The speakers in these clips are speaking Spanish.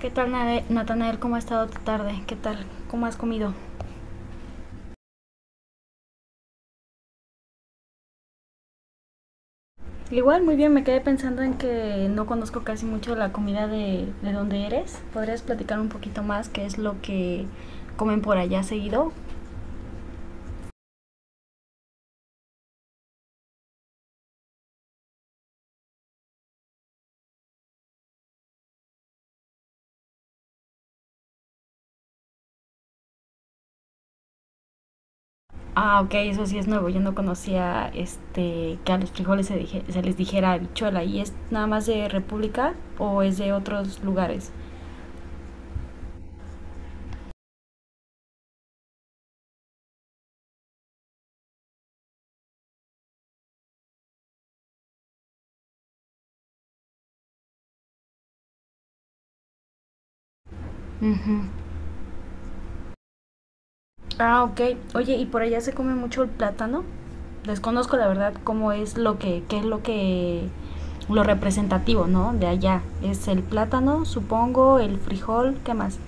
¿Qué tal, Natanael? ¿Cómo ha estado tu tarde? ¿Qué tal? ¿Cómo has comido? Igual, muy bien, me quedé pensando en que no conozco casi mucho la comida de donde eres. ¿Podrías platicar un poquito más qué es lo que comen por allá seguido? Ah, ok, eso sí es nuevo. Yo no conocía este que a los frijoles se les dijera habichuela. ¿Y es nada más de República o es de otros lugares? Ujú. Ah, ok. Oye, ¿y por allá se come mucho el plátano? Desconozco la verdad cómo es qué es lo representativo, ¿no? De allá. Es el plátano, supongo, el frijol, ¿qué más?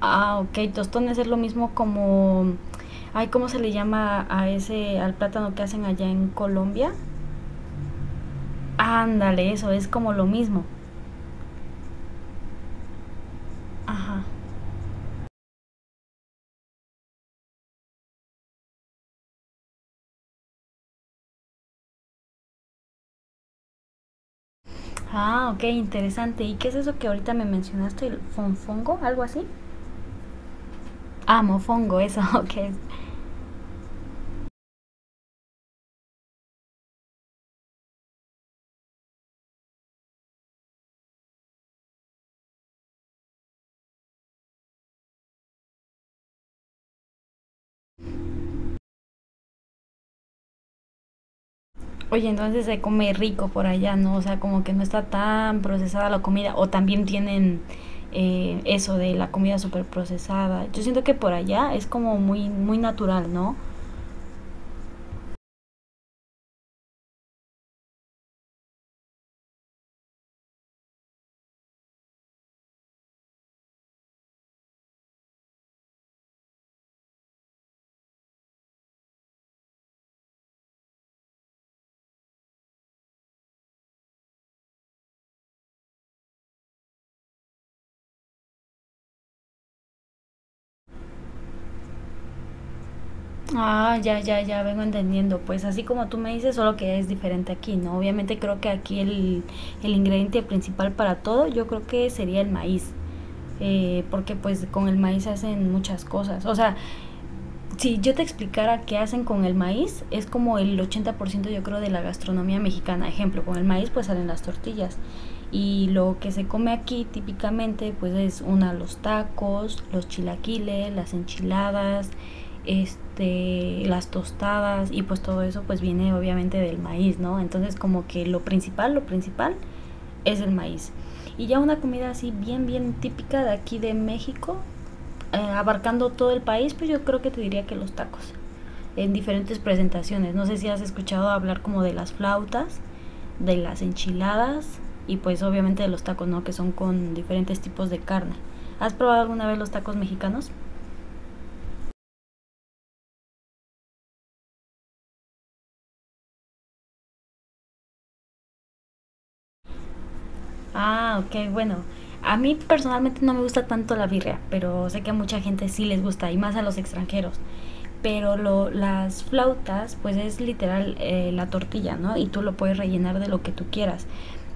Ah, ok. Tostones es lo mismo como, ay, ¿cómo se le llama a ese, al plátano que hacen allá en Colombia? Ándale, eso es como lo mismo. Ajá. Ah, ok, interesante. ¿Y qué es eso que ahorita me mencionaste? ¿El fonfongo? ¿Algo así? Ah, mofongo, eso, ok. Oye, entonces se come rico por allá, ¿no? O sea, como que no está tan procesada la comida. O también tienen eso de la comida súper procesada. Yo siento que por allá es como muy, muy natural, ¿no? Ah, ya, ya, ya vengo entendiendo. Pues así como tú me dices, solo que es diferente aquí, ¿no? Obviamente creo que aquí el ingrediente principal para todo, yo creo que sería el maíz. Porque pues con el maíz hacen muchas cosas. O sea, si yo te explicara qué hacen con el maíz, es como el 80%, yo creo, de la gastronomía mexicana. Ejemplo, con el maíz pues salen las tortillas. Y lo que se come aquí típicamente pues es una, los tacos, los chilaquiles, las enchiladas, este, las tostadas, y pues todo eso pues viene obviamente del maíz, ¿no? Entonces como que lo principal es el maíz. Y ya una comida así bien, bien típica de aquí de México, abarcando todo el país, pues yo creo que te diría que los tacos, en diferentes presentaciones. No sé si has escuchado hablar como de las flautas, de las enchiladas y pues obviamente de los tacos, ¿no? Que son con diferentes tipos de carne. ¿Has probado alguna vez los tacos mexicanos? Ah, ok, bueno. A mí personalmente no me gusta tanto la birria, pero sé que a mucha gente sí les gusta, y más a los extranjeros. Pero lo, las flautas, pues es literal la tortilla, ¿no? Y tú lo puedes rellenar de lo que tú quieras.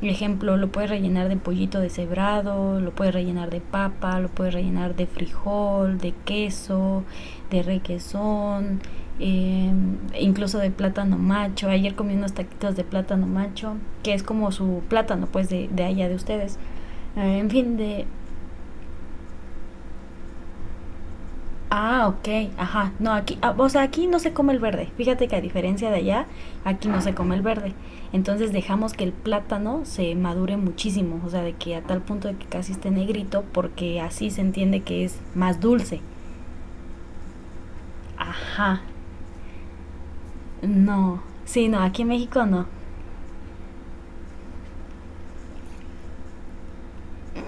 Por ejemplo, lo puedes rellenar de pollito deshebrado, lo puedes rellenar de papa, lo puedes rellenar de frijol, de queso, de requesón, eh, incluso de plátano macho. Ayer comí unos taquitos de plátano macho, que es como su plátano, pues, de allá de ustedes. En fin, de... Ah, ok, ajá. No, aquí, ah, o sea, aquí no se come el verde. Fíjate que a diferencia de allá, aquí no se come el verde. Entonces dejamos que el plátano se madure muchísimo, o sea, de que a tal punto de que casi esté negrito, porque así se entiende que es más dulce. Ajá, no. Sí, no, aquí en México no.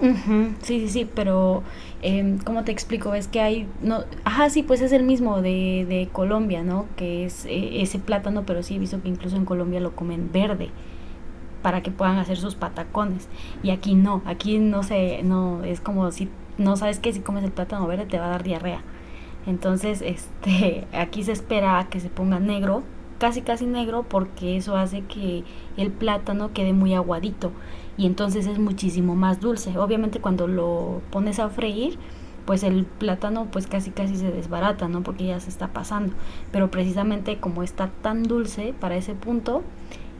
Ujú. Sí, sí, sí, pero ¿cómo te explico? Es que hay, no, ajá, sí, pues es el mismo de Colombia, ¿no? Que es ese plátano, pero sí he visto que incluso en Colombia lo comen verde para que puedan hacer sus patacones. Y aquí no sé, no, es como si no sabes que si comes el plátano verde te va a dar diarrea. Entonces, este, aquí se espera a que se ponga negro, casi casi negro, porque eso hace que el plátano quede muy aguadito y entonces es muchísimo más dulce. Obviamente cuando lo pones a freír, pues el plátano pues casi casi se desbarata, ¿no? Porque ya se está pasando. Pero precisamente como está tan dulce para ese punto,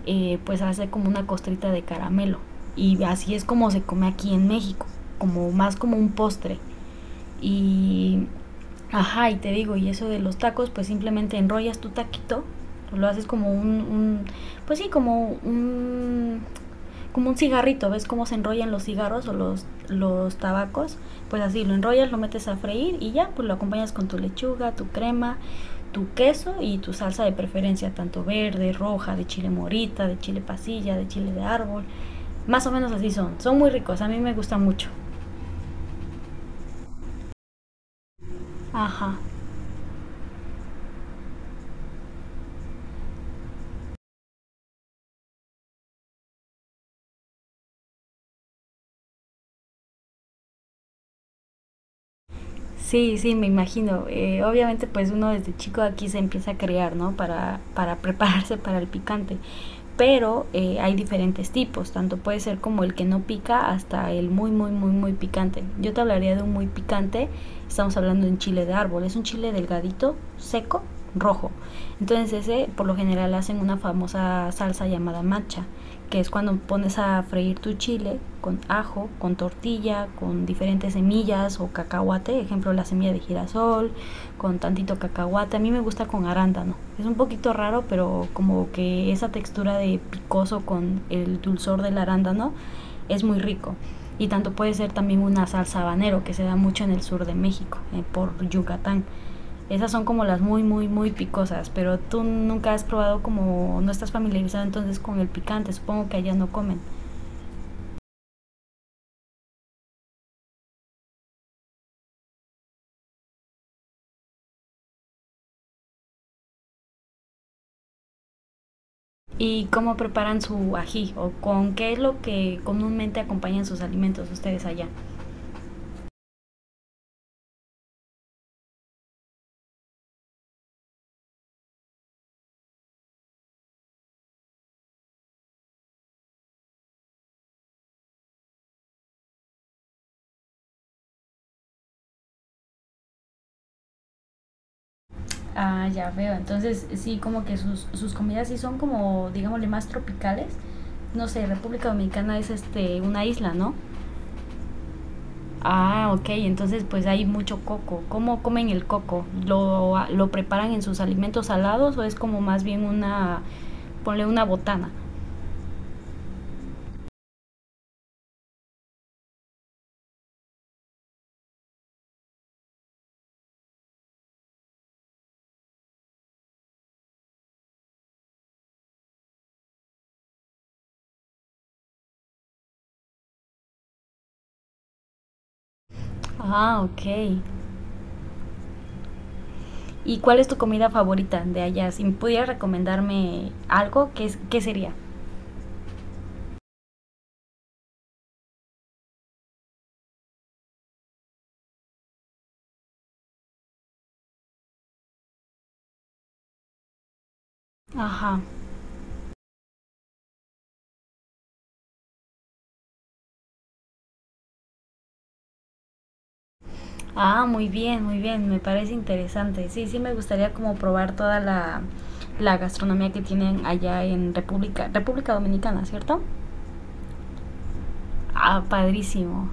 pues hace como una costrita de caramelo. Y así es como se come aquí en México, como más como un postre. Y ajá, y te digo, y eso de los tacos, pues simplemente enrollas tu taquito, lo haces como un pues sí, como un cigarrito, ¿ves cómo se enrollan los cigarros o los tabacos? Pues así, lo enrollas, lo metes a freír y ya, pues lo acompañas con tu lechuga, tu crema, tu queso y tu salsa de preferencia, tanto verde, roja, de chile morita, de chile pasilla, de chile de árbol. Más o menos así son. Son muy ricos, a mí me gusta mucho. Ajá. Sí, sí, me imagino. Obviamente, pues uno desde chico aquí se empieza a crear, ¿no? Para prepararse para el picante. Pero hay diferentes tipos, tanto puede ser como el que no pica hasta el muy, muy, muy, muy picante. Yo te hablaría de un muy picante, estamos hablando de un chile de árbol, es un chile delgadito, seco, rojo. Entonces ese por lo general hacen una famosa salsa llamada macha, que es cuando pones a freír tu chile con ajo, con tortilla, con diferentes semillas o cacahuate, ejemplo la semilla de girasol, con tantito cacahuate. A mí me gusta con arándano. Es un poquito raro, pero como que esa textura de picoso con el dulzor del arándano es muy rico. Y tanto puede ser también una salsa habanero que se da mucho en el sur de México, por Yucatán. Esas son como las muy, muy, muy picosas, pero tú nunca has probado como, no estás familiarizado entonces con el picante, supongo que allá no comen. ¿Y cómo preparan su ají o con qué es lo que comúnmente acompañan sus alimentos ustedes allá? Ah, ya veo. Entonces, sí, como que sus, sus comidas sí son como, digámosle, más tropicales. No sé, República Dominicana es este una isla, ¿no? Ah, ok, entonces pues hay mucho coco. ¿Cómo comen el coco? ¿Lo, ah, lo preparan en sus alimentos salados o es como más bien una, ponle una botana? Ah, ok. ¿Y cuál es tu comida favorita de allá? Si pudieras recomendarme algo, ¿qué, es- qué sería? Ajá. Ah, muy bien, me parece interesante. Sí, sí, me gustaría como probar toda la, la gastronomía que tienen allá en República, República Dominicana, ¿cierto? Ah, padrísimo.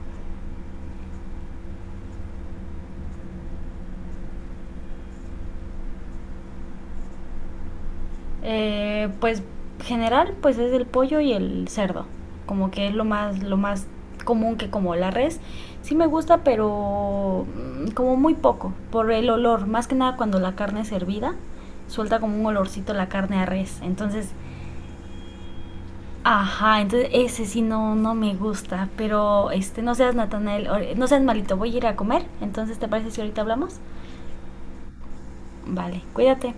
Pues general, pues es el pollo y el cerdo. Como que es lo más común que como la res. Sí me gusta, pero como muy poco, por el olor. Más que nada cuando la carne es hervida, suelta como un olorcito la carne a res. Entonces, ajá, entonces ese sí no, no me gusta. Pero este, no seas Natanael, no seas malito, voy a ir a comer. Entonces, ¿te parece si ahorita hablamos? Vale, cuídate.